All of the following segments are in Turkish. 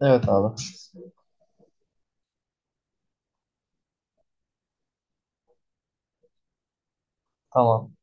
Evet abi. Tamam.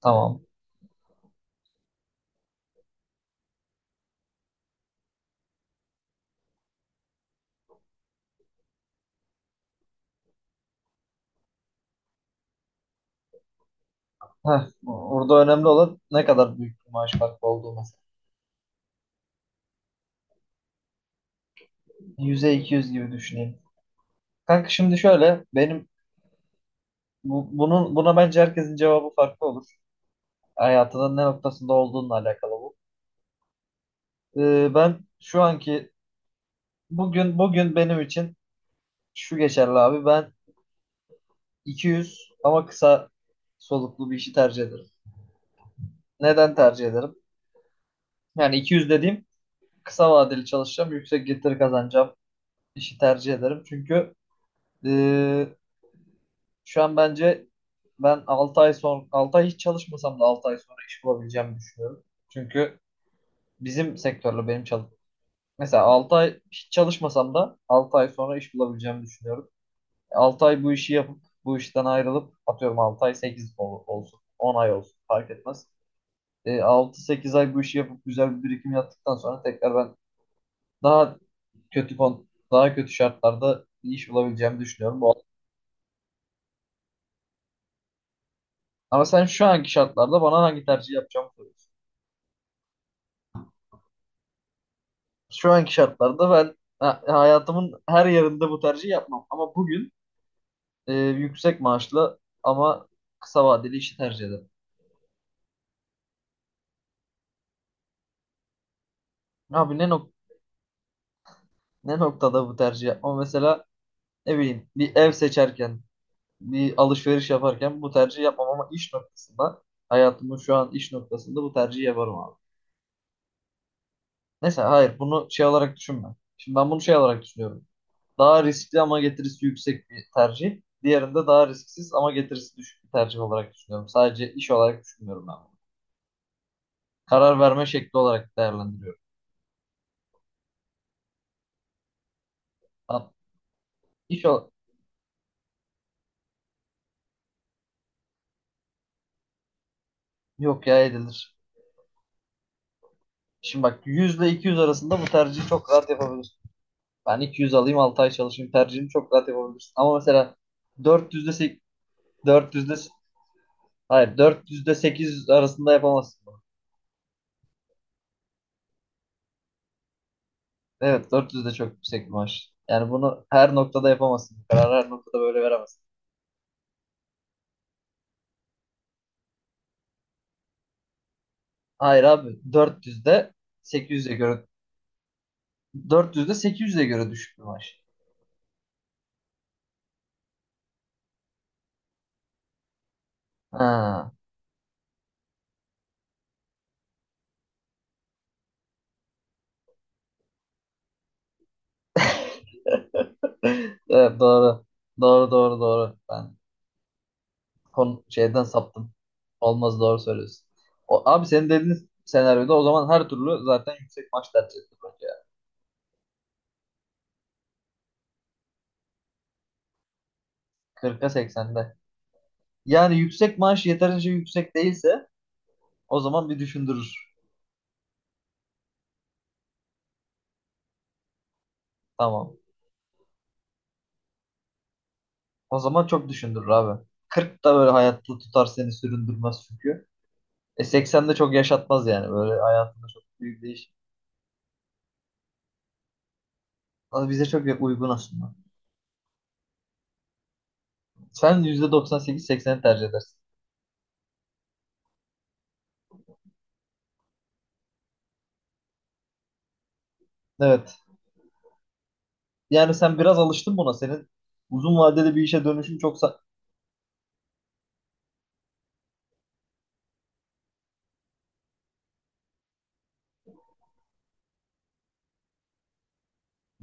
Tamam. Heh, burada önemli olan ne kadar büyük bir maaş farkı olduğu mesela. 100'e 200 gibi düşüneyim. Kanka şimdi şöyle benim bu- bunun buna bence herkesin cevabı farklı olur. Hayatının ne noktasında olduğunla alakalı bu. Ben şu anki bugün bugün benim için şu geçerli abi. Ben 200 ama kısa soluklu bir işi tercih ederim. Neden tercih ederim? Yani 200 dediğim kısa vadeli çalışacağım, yüksek getiri kazanacağım işi tercih ederim. Çünkü Ee, şu an bence ben 6 ay sonra, 6 ay hiç çalışmasam da 6 ay sonra iş bulabileceğimi düşünüyorum. Çünkü bizim sektörle benim çalış Mesela 6 ay hiç çalışmasam da 6 ay sonra iş bulabileceğimi düşünüyorum. 6 ay bu işi yapıp bu işten ayrılıp atıyorum 6 ay, 8 olsun, 10 ay olsun fark etmez. 6-8 ay bu işi yapıp güzel bir birikim yaptıktan sonra tekrar ben daha daha kötü şartlarda bir iş bulabileceğimi düşünüyorum. Ama sen şu anki şartlarda bana hangi tercih yapacağımı soruyorsun. Şu anki şartlarda ben hayatımın her yerinde bu tercihi yapmam. Ama bugün yüksek maaşlı ama kısa vadeli işi tercih ederim. Abi ne noktada bu tercih yapmam? Mesela ne bileyim bir ev seçerken, bir alışveriş yaparken bu tercihi yapmam ama iş noktasında, hayatımın şu an iş noktasında bu tercihi yaparım abi. Neyse, hayır, bunu şey olarak düşünme. Şimdi ben bunu şey olarak düşünüyorum. Daha riskli ama getirisi yüksek bir tercih. Diğerinde daha risksiz ama getirisi düşük bir tercih olarak düşünüyorum. Sadece iş olarak düşünmüyorum ben bunu. Karar verme şekli olarak değerlendiriyorum. Ha, iş ol- yok ya, edilir. Şimdi bak, 100 ile 200 arasında bu tercihi çok rahat yapabilirsin. Ben 200 alayım, 6 ay çalışayım tercihini çok rahat yapabilirsin. Ama mesela dört yüzde dört yüzde hayır, dört yüzde sekiz arasında yapamazsın bunu. Evet, dört yüzde çok yüksek bir maaş. Yani bunu her noktada yapamazsın. Bu kararı her noktada böyle veremezsin. Hayır abi, 400'de 800'e göre 400'de 800'e göre düşük bir maaş. Ha. Evet, doğru. Doğru, doğru, doğru. Ben konu şeyden saptım. Olmaz, doğru söylüyorsun. O, abi senin dediğin senaryoda o zaman her türlü zaten yüksek maaş tercih edilir bence ya. 40'a 80'de. Yani yüksek maaş yeterince yüksek değilse o zaman bir düşündürür. Tamam. O zaman çok düşündürür abi. Kırk da böyle hayatta tutar seni, süründürmez çünkü. 80 de çok yaşatmaz yani. Böyle hayatında çok büyük değiş. Ama bize çok uygun aslında. Sen %98-80'i tercih edersin. Evet. Yani sen biraz alıştın buna. Senin uzun vadede bir işe dönüşün çok sa-.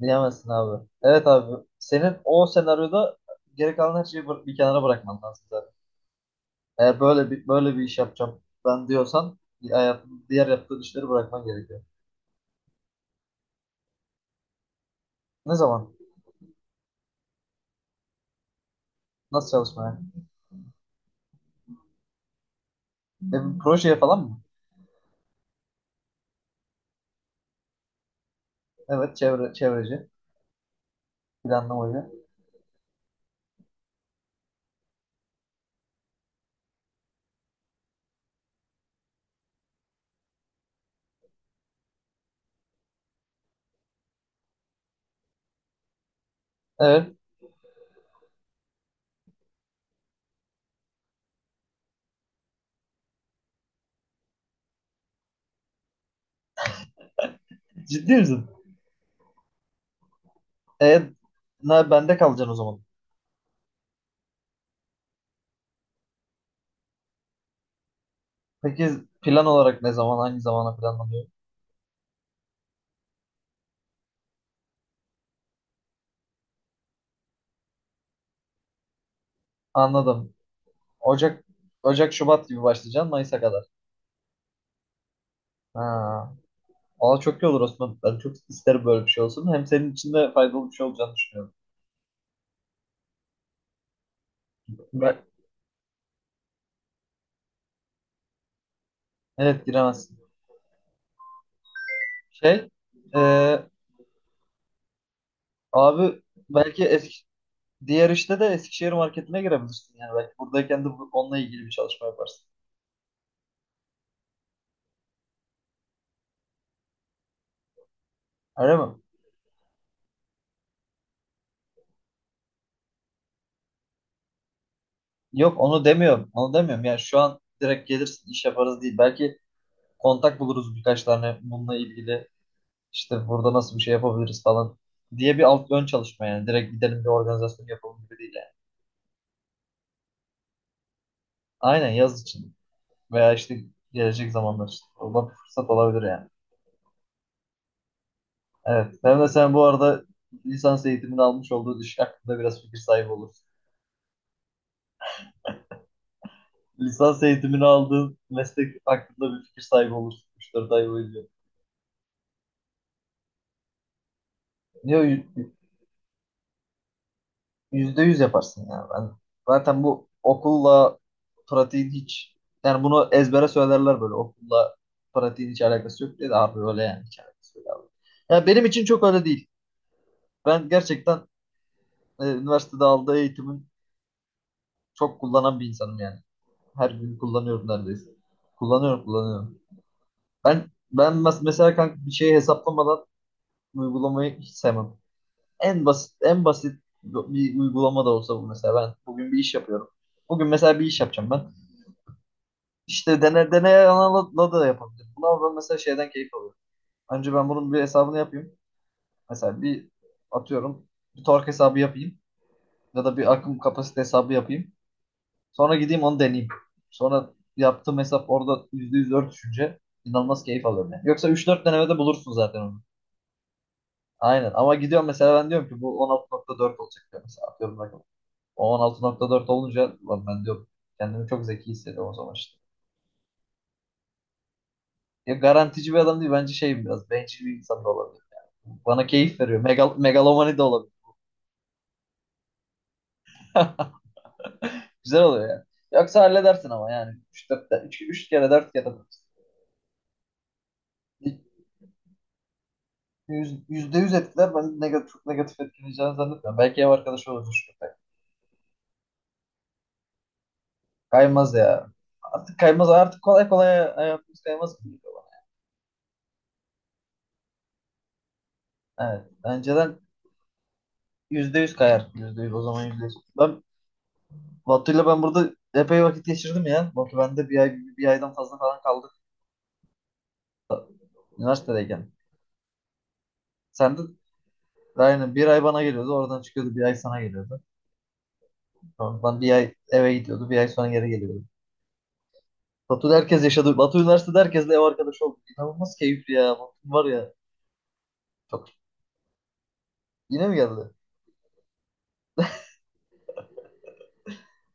Diyemezsin abi. Evet abi. Senin o senaryoda geri kalan her şeyi bir kenara bırakman lazım zaten. Eğer böyle bir iş yapacağım ben diyorsan, hayatın diğer yaptığın işleri bırakman gerekiyor. Ne zaman? Nasıl çalışmaya? Bir projeye falan mı? Evet, çevreci. Planlamacı. Evet. Ciddi misin? E, Bende kalacaksın o zaman. Peki, plan olarak ne zaman, hangi zamana planlanıyor? Anladım. Ocak. Ocak, Şubat gibi başlayacaksın Mayıs'a kadar. Ha. Valla çok iyi olur Osman. Ben çok isterim böyle bir şey olsun. Hem senin için de faydalı bir şey olacağını düşünüyorum. Ben- evet, giremezsin. Şey, e, Abi, belki diğer işte de Eskişehir marketine girebilirsin. Yani belki buradayken de onunla ilgili bir çalışma yaparsın. Öyle mi? Yok, onu demiyorum. Onu demiyorum. Yani şu an direkt gelirsin, iş yaparız değil. Belki kontak buluruz birkaç tane, bununla ilgili işte burada nasıl bir şey yapabiliriz falan diye bir alt ön çalışma yani. Direkt gidelim bir organizasyon yapalım gibi değil yani. Aynen, yaz için veya işte gelecek zamanlar için. Oradan bir fırsat olabilir yani. Evet. Hem de sen bu arada lisans eğitimini almış olduğun iş hakkında biraz fikir sahibi olursun. Lisans eğitimini aldığın meslek hakkında bir fikir sahibi olursun. 3-4 ay boyunca. Niye %100 yaparsın yani. Ben zaten bu okulla pratiğin hiç, yani bunu ezbere söylerler, böyle okulla pratiğin hiç alakası yok diye, de abi öyle yani, hiç alakası yok abi. Ya benim için çok öyle değil. Ben gerçekten üniversitede aldığı eğitimin çok kullanan bir insanım yani. Her gün kullanıyorum neredeyse. Kullanıyorum, kullanıyorum. Ben mesela kanka, bir şeyi hesaplamadan uygulamayı hiç sevmem. En basit, en basit bir uygulama da olsa bu. Mesela ben bugün bir iş yapıyorum. Bugün mesela bir iş yapacağım ben. İşte dene, deneye yanıla da yapabilir. Buna ben mesela şeyden keyif alıyorum. Önce ben bunun bir hesabını yapayım. Mesela bir atıyorum bir tork hesabı yapayım ya da bir akım kapasite hesabı yapayım. Sonra gideyim onu deneyeyim. Sonra yaptığım hesap orada %100 örtüşünce inanılmaz keyif alıyorum yani. Yoksa üç dört denemede bulursun zaten onu. Aynen, ama gidiyorum mesela, ben diyorum ki bu 16,4 olacak diyorum, mesela atıyorum, bakalım. O 16,4 olunca, "Ulan," ben diyorum, kendimi çok zeki hissediyorum o zaman işte. Ya, garantici bir adam değil. Bence şey, biraz bencil bir insan da olabilir. Yani. Bana keyif veriyor. Megalomani de olabilir. Güzel oluyor yani. Yoksa halledersin ama yani. Üç, üç kere, 4 kere. %100 etkiler. Ben negatif, çok negatif etkileyeceğini zannetmiyorum. Belki ev arkadaşı olur üç köpek. Kaymaz ya. Artık kaymaz. Artık kolay kolay hayatımız kaymaz gibi geliyor bana. Evet. Önceden %100 kayar. %100 o zaman, %100. Ben Batu'yla burada epey vakit geçirdim ya. Batu bende bir ay, bir aydan fazla falan kaldık. Üniversitedeyken. Sen de aynen, bir ay bana geliyordu. Oradan çıkıyordu, bir ay sana geliyordu. Sonra ben bir ay eve gidiyordu. Bir ay sonra geri geliyordu. Batu'da herkes yaşadı. Batu Üniversitesi'de herkesle ev arkadaşı oldu. İnanılmaz keyifli ya. Batu var ya. Çok. Yine mi geldi?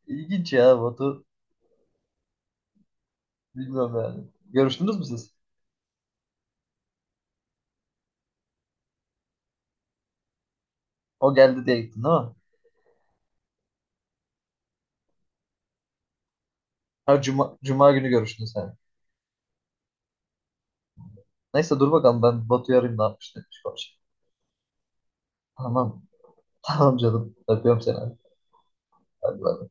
İlginç ya Batu. Bilmiyorum yani. Görüştünüz mü siz? O geldi diye gittin değil mi? Her cuma günü görüştünüz yani. Neyse, dur bakalım, ben Batu'yu arayayım ne yapmış, demiş. Tamam. Tamam canım. Öpüyorum seni. Hadi, bay.